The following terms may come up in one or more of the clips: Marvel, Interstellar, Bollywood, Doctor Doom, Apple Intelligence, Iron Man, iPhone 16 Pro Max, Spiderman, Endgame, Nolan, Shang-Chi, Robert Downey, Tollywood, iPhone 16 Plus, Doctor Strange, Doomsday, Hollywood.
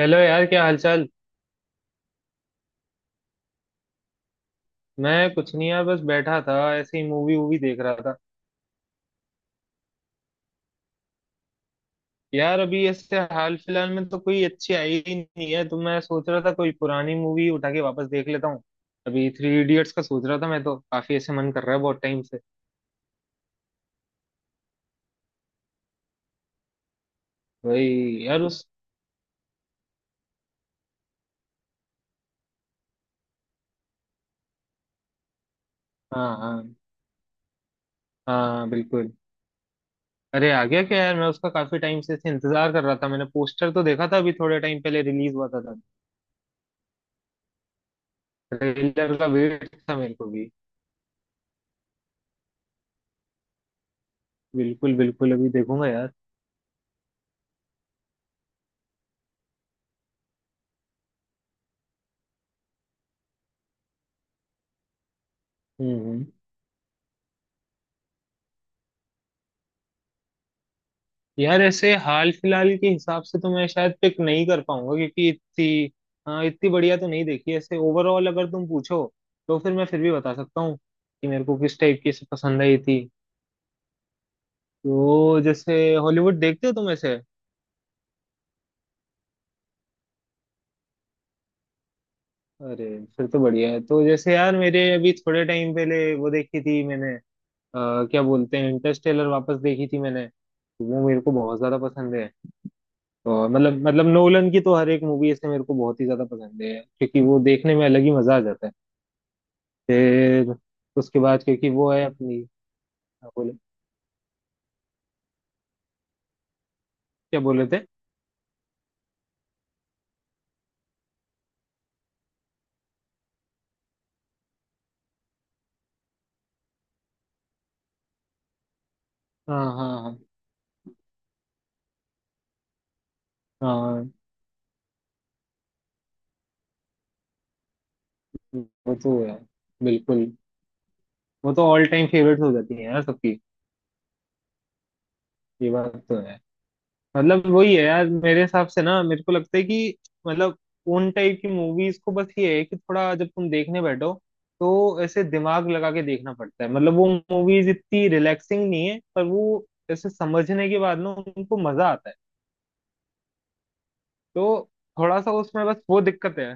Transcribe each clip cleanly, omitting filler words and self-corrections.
Hello यार, क्या हालचाल। मैं कुछ नहीं यार, बस बैठा था ऐसे ही मूवी वूवी देख रहा था। यार अभी ऐसे हाल फिलहाल में तो कोई अच्छी आई ही नहीं है, तो मैं सोच रहा था कोई पुरानी मूवी उठा के वापस देख लेता हूँ। अभी थ्री इडियट्स का सोच रहा था मैं तो, काफी ऐसे मन कर रहा है बहुत टाइम से। वही यार, उस... हाँ हाँ हाँ, बिल्कुल। अरे आ गया क्या यार? मैं उसका काफी टाइम से ऐसे इंतजार कर रहा था, मैंने पोस्टर तो देखा था, अभी थोड़े टाइम पहले रिलीज हुआ था। ट्रेलर का वेट था मेरे को भी। बिल्कुल बिल्कुल, अभी देखूंगा यार। हम्म हम्म। यार ऐसे हाल फिलहाल के हिसाब से तो मैं शायद पिक नहीं कर पाऊंगा क्योंकि इतनी... हाँ इतनी बढ़िया तो नहीं देखी ऐसे, ओवरऑल अगर तुम पूछो तो फिर मैं फिर भी बता सकता हूँ कि मेरे को किस टाइप की ऐसे पसंद आई थी। तो जैसे, हॉलीवुड देखते हो तुम ऐसे? अरे फिर तो बढ़िया है, तो जैसे यार मेरे अभी थोड़े टाइम पहले वो देखी थी मैंने, क्या बोलते हैं, इंटरस्टेलर वापस देखी थी मैंने, तो वो मेरे को बहुत ज्यादा पसंद है। और मतलब नोलन की तो हर एक मूवी ऐसे मेरे को बहुत ही ज्यादा पसंद है, क्योंकि वो देखने में अलग ही मजा आ जाता है। फिर उसके बाद क्योंकि वो है अपनी... क्या बोले? क्या बोले थे? हाँ हाँ हाँ हाँ, वो तो है बिल्कुल। वो तो ऑल टाइम फेवरेट हो जाती है यार सबकी। ये बात तो है। मतलब वही है यार, मेरे हिसाब से ना मेरे को लगता है कि, मतलब उन टाइप की मूवीज को बस ये है कि थोड़ा जब तुम देखने बैठो तो ऐसे दिमाग लगा के देखना पड़ता है, मतलब वो मूवीज इतनी रिलैक्सिंग नहीं है, पर वो ऐसे समझने के बाद ना उनको मजा आता है। तो थोड़ा सा उसमें बस वो दिक्कत है।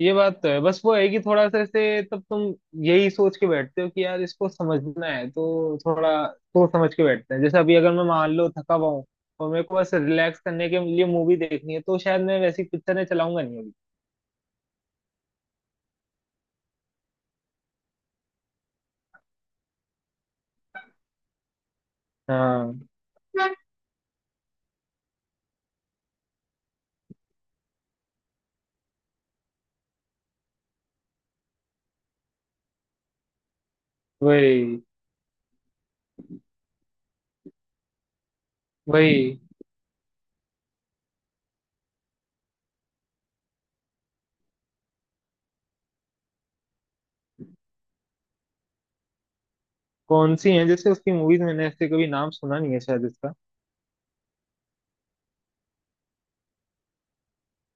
ये बात तो है, बस वो है कि थोड़ा सा ऐसे तब तुम यही सोच के बैठते हो कि यार इसको समझना है, तो थोड़ा सोच समझ के बैठते हैं। जैसे अभी अगर मैं मान लो थका हुआ हूँ और मेरे को बस रिलैक्स करने के लिए मूवी देखनी है, तो शायद मैं वैसी पिक्चरें चलाऊंगा नहीं अभी। हाँ वही। वही कौन सी है जैसे उसकी मूवीज? मैंने ऐसे कभी नाम सुना नहीं है शायद इसका।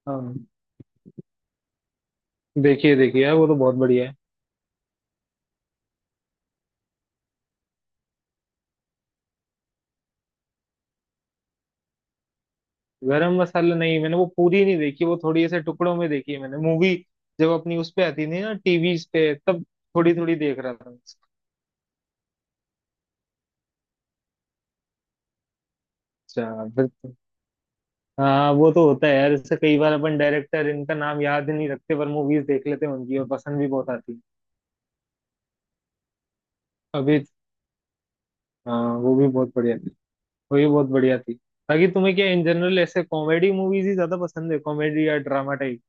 हाँ। देखिए देखिए यार, वो तो बहुत बढ़िया है। गरम मसाला नहीं मैंने वो पूरी नहीं देखी, वो थोड़ी ऐसे टुकड़ों में देखी है मैंने मूवी, जब अपनी उस पे आती थी ना टीवी पे, तब थोड़ी थोड़ी देख रहा था। अच्छा फिर तो- हाँ वो तो होता है यार, इससे कई बार अपन डायरेक्टर इनका नाम याद नहीं रखते, पर मूवीज देख लेते हैं उनकी और पसंद भी बहुत आती है। अभी... हाँ वो भी बहुत बढ़िया थी। वो भी बहुत बढ़िया थी। बाकी तुम्हें क्या इन जनरल ऐसे कॉमेडी मूवीज ही ज्यादा पसंद है, कॉमेडी या ड्रामा टाइप?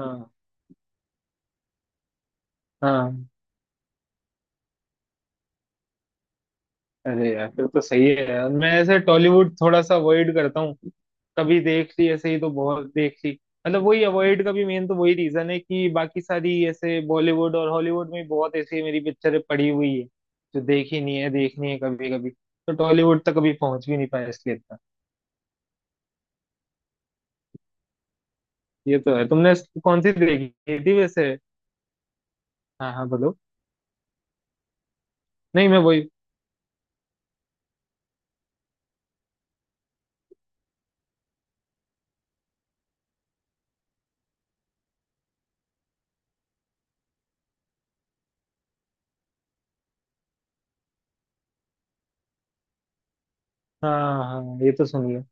हाँ हाँ। अरे यार फिर तो सही है, यार मैं ऐसे टॉलीवुड थोड़ा सा अवॉइड करता हूँ, कभी देख ली ऐसे ही तो बहुत देख ली। मतलब वही अवॉइड का भी मेन तो वही रीजन है कि बाकी सारी ऐसे बॉलीवुड और हॉलीवुड में बहुत ऐसी मेरी पिक्चरें पड़ी हुई है जो देखी नहीं है, देखनी है, कभी कभी तो टॉलीवुड तक कभी पहुंच भी नहीं पाया, इसलिए इतना... ये तो है। तुमने कौन सी देखी थी वैसे? हाँ हाँ बोलो। नहीं मैं वही... हाँ हाँ, ये तो सुनिए।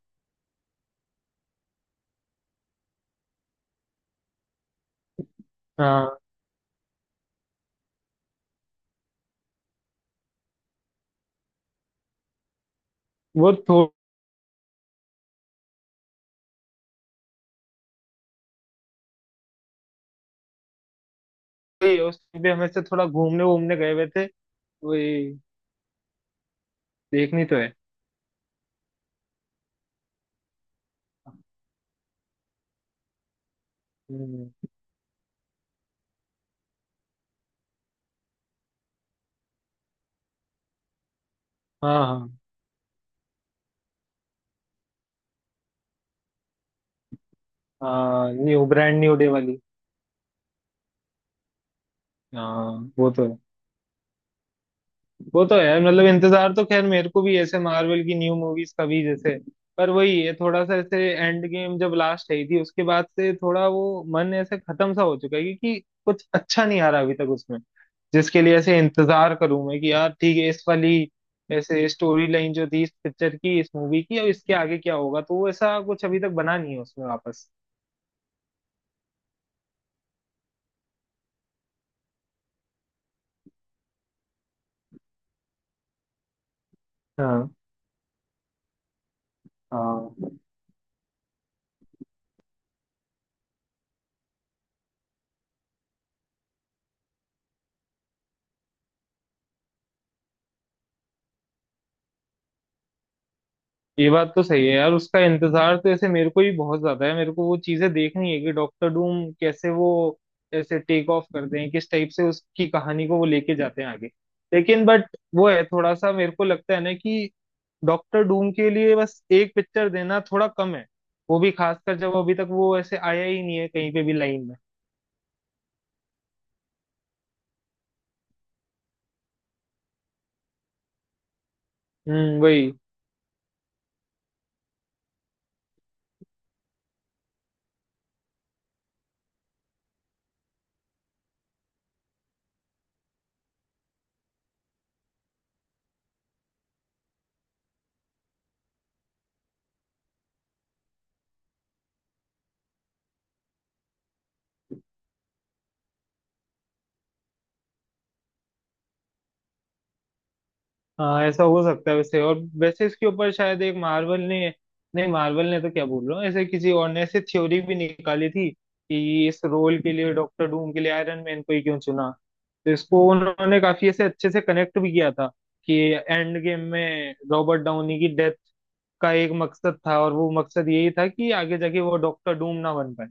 हाँ वो थोड़ी... उस पे हम ऐसे थोड़ा घूमने घूमने गए हुए थे। वही। देखनी तो है। हम्म, हाँ हाँ। हाँ न्यू ब्रांड न्यू डे वाली। हाँ वो तो है। वो तो है, मतलब इंतजार तो खैर मेरे को भी ऐसे मार्वल की न्यू मूवीज का भी जैसे, पर वही है थोड़ा सा ऐसे, एंड गेम जब लास्ट आई थी उसके बाद से थोड़ा वो मन ऐसे खत्म सा हो चुका है, क्योंकि कुछ अच्छा नहीं आ रहा अभी तक उसमें जिसके लिए ऐसे इंतजार करूं मैं कि यार ठीक है इस वाली ऐसे स्टोरी लाइन जो थी इस पिक्चर की, इस मूवी की, अब इसके आगे क्या होगा, तो वो ऐसा कुछ अभी तक बना नहीं है उसमें वापस। हाँ हाँ। ये बात तो सही है यार, उसका इंतजार तो ऐसे मेरे को ही बहुत ज्यादा है, मेरे को वो चीजें देखनी है कि डॉक्टर डूम कैसे, वो ऐसे टेक ऑफ करते हैं, किस टाइप से उसकी कहानी को वो लेके जाते हैं आगे। लेकिन बट वो है थोड़ा सा, मेरे को लगता है ना कि डॉक्टर डूम के लिए बस एक पिक्चर देना थोड़ा कम है, वो भी खासकर जब अभी तक वो ऐसे आया ही नहीं है कहीं पे भी लाइन में। वही। हाँ ऐसा हो सकता है वैसे, और वैसे इसके ऊपर शायद एक, मार्वल ने, नहीं मार्वल ने तो क्या बोल रहा हूँ, ऐसे किसी और ने ऐसे थ्योरी भी निकाली थी कि इस रोल के लिए, डॉक्टर डूम के लिए आयरन मैन को ही क्यों चुना, तो इसको उन्होंने काफी ऐसे अच्छे से कनेक्ट भी किया था कि एंड गेम में रॉबर्ट डाउनी की डेथ का एक मकसद था, और वो मकसद यही था कि आगे जाके वो डॉक्टर डूम ना बन पाए,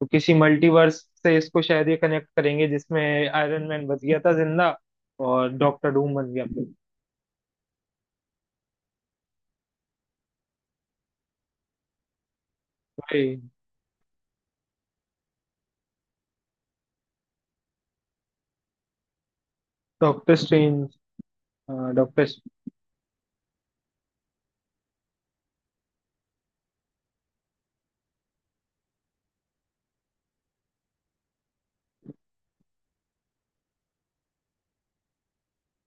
तो किसी मल्टीवर्स से इसको शायद ये कनेक्ट करेंगे जिसमें आयरन मैन बच गया था जिंदा, और डॉक्टर डूम बन गया। Doctor Strange. हाँ, डॉक्टर...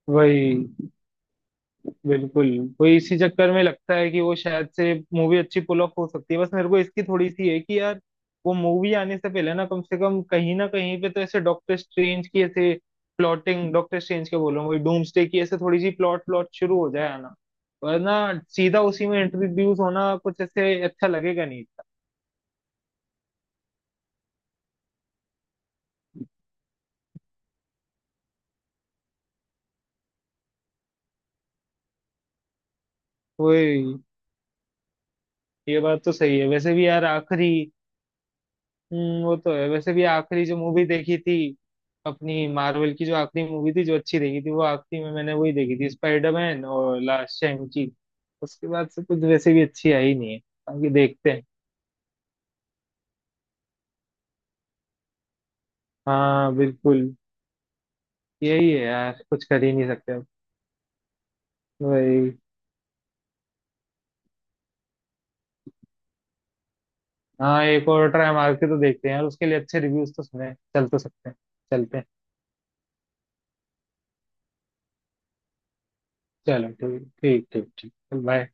वही, बिल्कुल। वही इसी चक्कर में लगता है कि वो शायद से मूवी अच्छी पुल ऑफ हो सकती है, बस मेरे को इसकी थोड़ी सी है कि यार, वो मूवी आने से पहले ना कम से कम कहीं ना कहीं पे तो ऐसे डॉक्टर स्ट्रेंज की ऐसे प्लॉटिंग, डॉक्टर स्ट्रेंज के बोल रहा हूँ, वही डूम्सडे की ऐसे थोड़ी सी प्लॉट प्लॉट शुरू हो जाए आना, वरना सीधा उसी में इंट्रोड्यूस होना कुछ ऐसे अच्छा लगेगा नहीं था। वही। ये बात तो सही है वैसे भी यार, आखिरी... हम्म, वो तो है, वैसे भी आखिरी जो मूवी देखी थी, अपनी मार्वल की जो आखिरी मूवी थी जो अच्छी देखी थी, वो आखिरी में मैंने वही देखी थी, स्पाइडरमैन और लास्ट शैंग-ची। उसके बाद से कुछ वैसे भी अच्छी आई नहीं है। बाकी देखते हैं। हाँ बिल्कुल। यही है यार, कुछ कर ही नहीं सकते अब। वही। हाँ एक और ट्राई मार के तो देखते हैं यार, उसके लिए अच्छे रिव्यूज तो सुने हैं। चल तो सकते हैं, चलते हैं। चलो, ठीक ठीक ठीक ठीक। बाय।